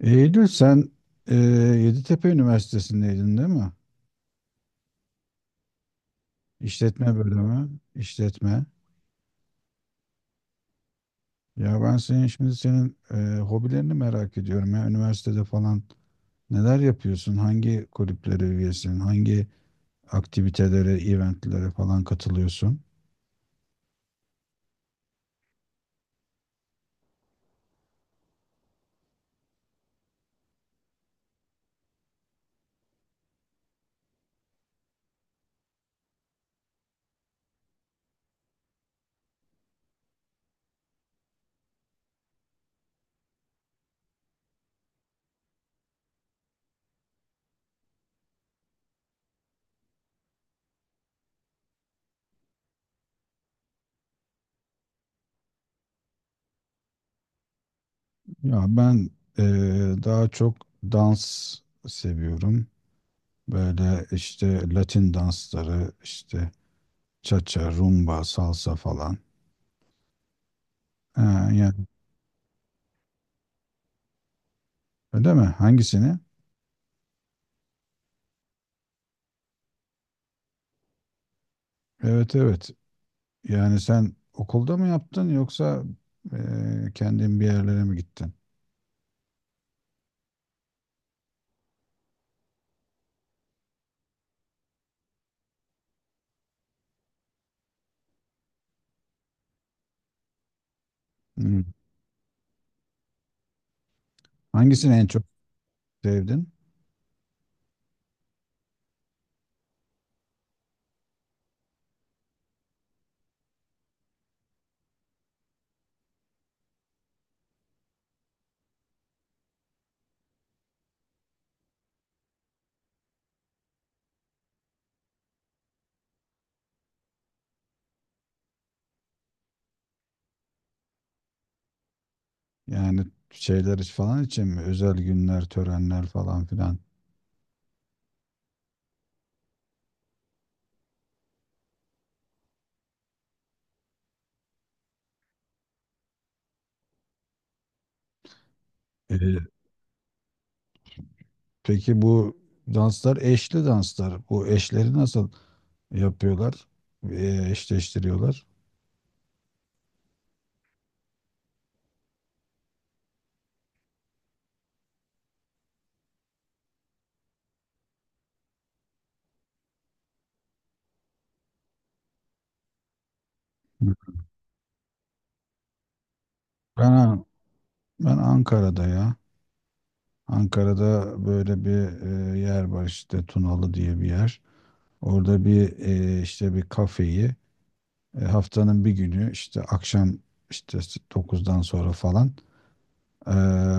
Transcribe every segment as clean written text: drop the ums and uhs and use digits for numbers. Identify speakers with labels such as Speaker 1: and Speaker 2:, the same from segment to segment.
Speaker 1: Eylül, sen Yeditepe Üniversitesi'ndeydin değil mi? İşletme bölümü, işletme. Ya ben senin hobilerini merak ediyorum ya. Üniversitede falan neler yapıyorsun? Hangi kulüplere üyesin? Hangi aktivitelere, eventlere falan katılıyorsun? Ya ben e, daha çok dans seviyorum. Böyle işte Latin dansları, işte cha-cha, rumba, salsa falan. Ha, yani öyle mi? Hangisini? Evet, evet. Yani sen okulda mı yaptın yoksa kendin bir yerlere mi gittin? Hmm. Hangisini en çok sevdin? Yani şeyler falan için mi? Özel günler, törenler falan filan. Ee, peki bu danslar eşli danslar. Bu eşleri nasıl yapıyorlar? Eşleştiriyorlar. Ben, ben Ankara'da ya. Ankara'da böyle bir yer var, işte Tunalı diye bir yer. Orada bir, işte bir kafeyi haftanın bir günü, işte akşam, işte dokuzdan sonra falan e,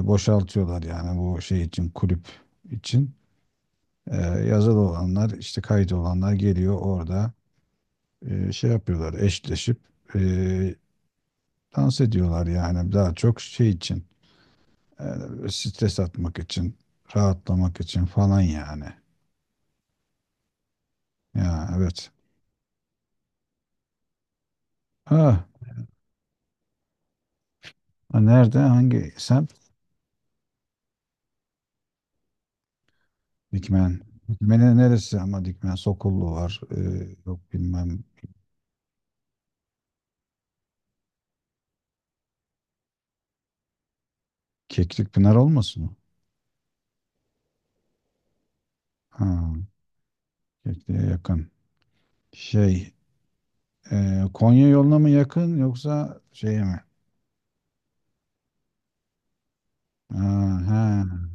Speaker 1: boşaltıyorlar yani bu şey için, kulüp için. Yazılı olanlar, işte kayıt olanlar geliyor orada, şey yapıyorlar, eşleşip e, dans ediyorlar, yani daha çok şey için, stres atmak için, rahatlamak için falan yani. Ya, evet. Ha, ha, nerede? Hangi semt? Dikmen. Dikmen'in neresi ama? Dikmen Sokullu var. Yok, bilmem. Keklikpınar olmasın o? Ha, Keklik'e yakın. Şey, Konya yoluna mı yakın yoksa şeye mi? Ha, ha,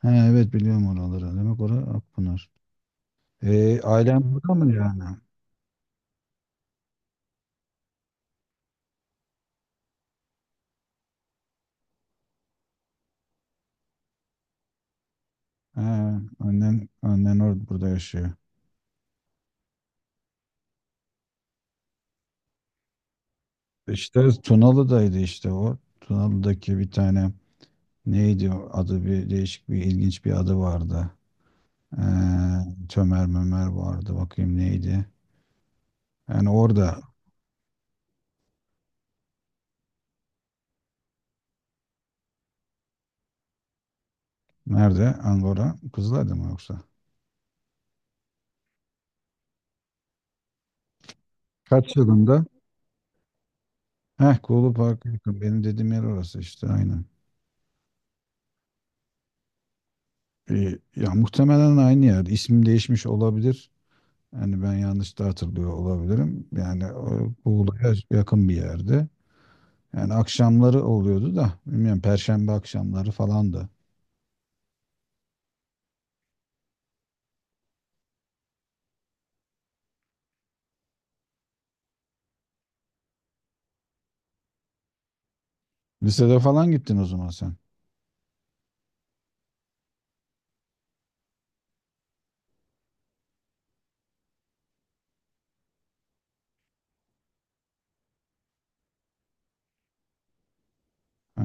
Speaker 1: ha, evet biliyorum oraları. Demek orası Akpınar. Ailen burada mı yani? Ha, annen orada burada yaşıyor. İşte Tunalı'daydı işte o. Tunalı'daki bir tane. Neydi o adı? Bir değişik, bir ilginç bir adı vardı. Ee, Tömer Mömer vardı. Bakayım neydi. Yani orada nerede? Angora. Kızılay'da mı yoksa? Kaç yılında? Heh, Kuğulu Park'a yakın. Benim dediğim yer orası işte, aynen. Ya muhtemelen aynı yer. İsim değişmiş olabilir. Yani ben yanlış da hatırlıyor olabilirim. Yani o Kuğulu'ya yakın bir yerde. Yani akşamları oluyordu da bilmiyorum, Perşembe akşamları falandı. Lisede falan gittin o zaman sen. Ha.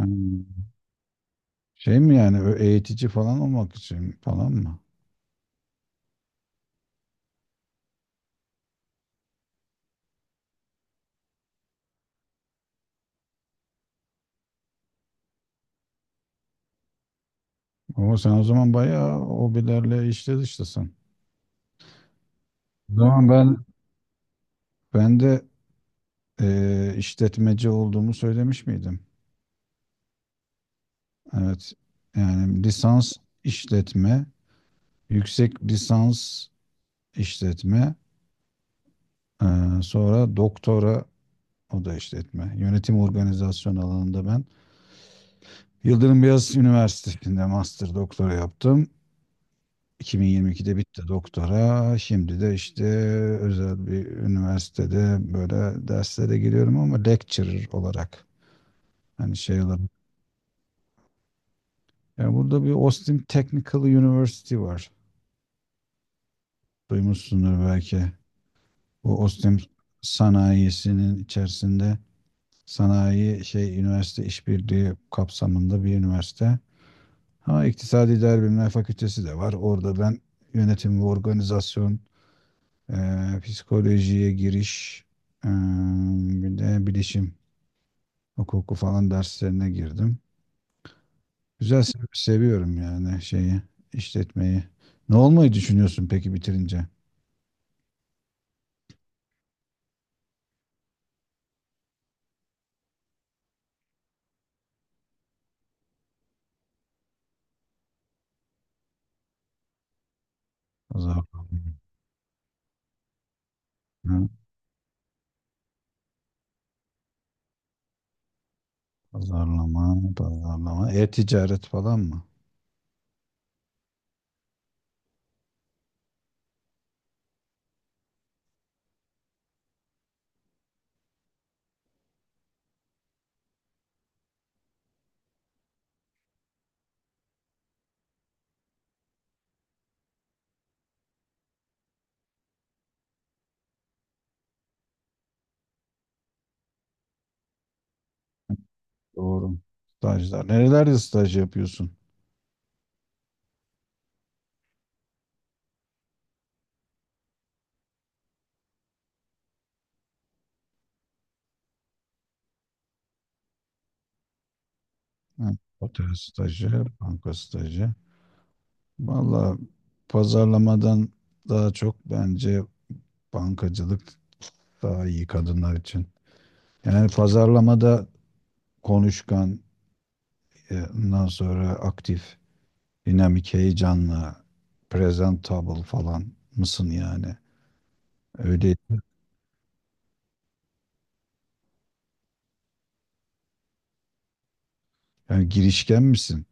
Speaker 1: Şey mi yani, eğitici falan olmak için falan mı? Ama sen o zaman bayağı hobilerle işte dıştasın. O zaman ben de işletmeci olduğumu söylemiş miydim? Evet. Yani lisans işletme, yüksek lisans işletme, eee, sonra doktora, o da işletme. Yönetim organizasyon alanında ben Yıldırım Beyazıt Üniversitesi'nde master doktora yaptım. 2022'de bitti doktora. Şimdi de işte özel bir üniversitede böyle derslere giriyorum, ama lecturer olarak. Hani şey olarak. Yani burada bir Austin Technical University var. Duymuşsundur belki. Bu Austin sanayisinin içerisinde, sanayi şey üniversite işbirliği kapsamında bir üniversite. Ha, iktisadi idare bilimler fakültesi de var. Orada ben yönetim ve organizasyon, psikolojiye giriş, ee, bir de bilişim hukuku falan derslerine girdim. Güzel, seviyorum yani şeyi, işletmeyi. Ne olmayı düşünüyorsun peki bitirince? Pazarlama, ha, pazarlama, pazarlama. E-ticaret falan mı? Doğru. Stajlar. Nerelerde staj yapıyorsun? Ha, otel stajı, banka stajı. Vallahi pazarlamadan daha çok bence bankacılık daha iyi kadınlar için. Yani pazarlamada konuşkan, ondan sonra aktif, dinamik, heyecanlı, presentable falan mısın yani? Öyle yani, girişken misin?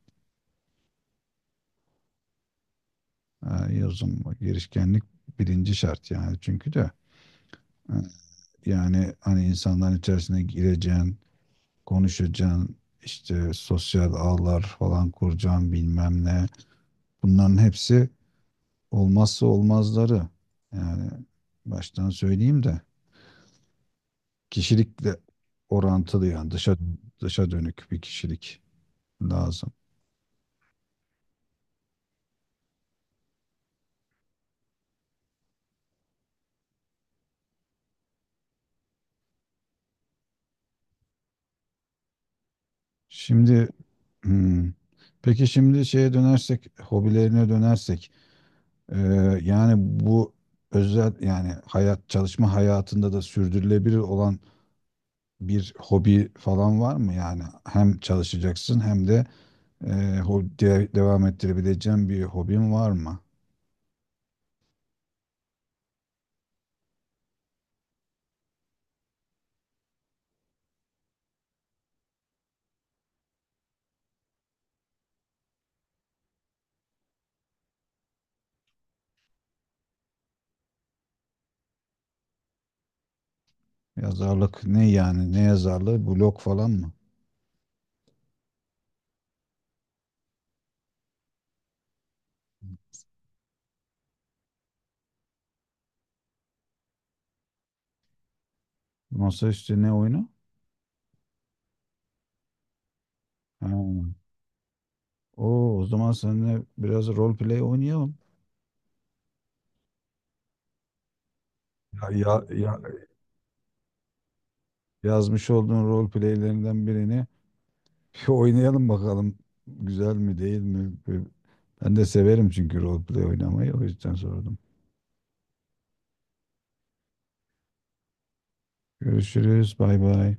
Speaker 1: Ha, yazım girişkenlik birinci şart yani, çünkü de ha, yani hani insanların içerisine gireceğin, konuşacaksın, işte sosyal ağlar falan kuracaksın, bilmem ne. Bunların hepsi olmazsa olmazları. Yani baştan söyleyeyim de. Kişilikle orantılı yani, dışa dönük bir kişilik lazım. Şimdi, hmm, peki şimdi şeye dönersek, hobilerine dönersek e, yani bu özel yani, hayat çalışma hayatında da sürdürülebilir olan bir hobi falan var mı? Yani hem çalışacaksın hem de e, devam ettirebileceğin bir hobin var mı? Yazarlık ne yani? Ne yazarlığı, blog falan mı? Masaüstü ne oyunu? Ha. Oo, o zaman seninle biraz rol play oynayalım. Ya, ya, yazmış olduğun rol playlerinden birini bir oynayalım bakalım. Güzel mi değil mi? Ben de severim çünkü rol play oynamayı. O yüzden sordum. Görüşürüz. Bay bay.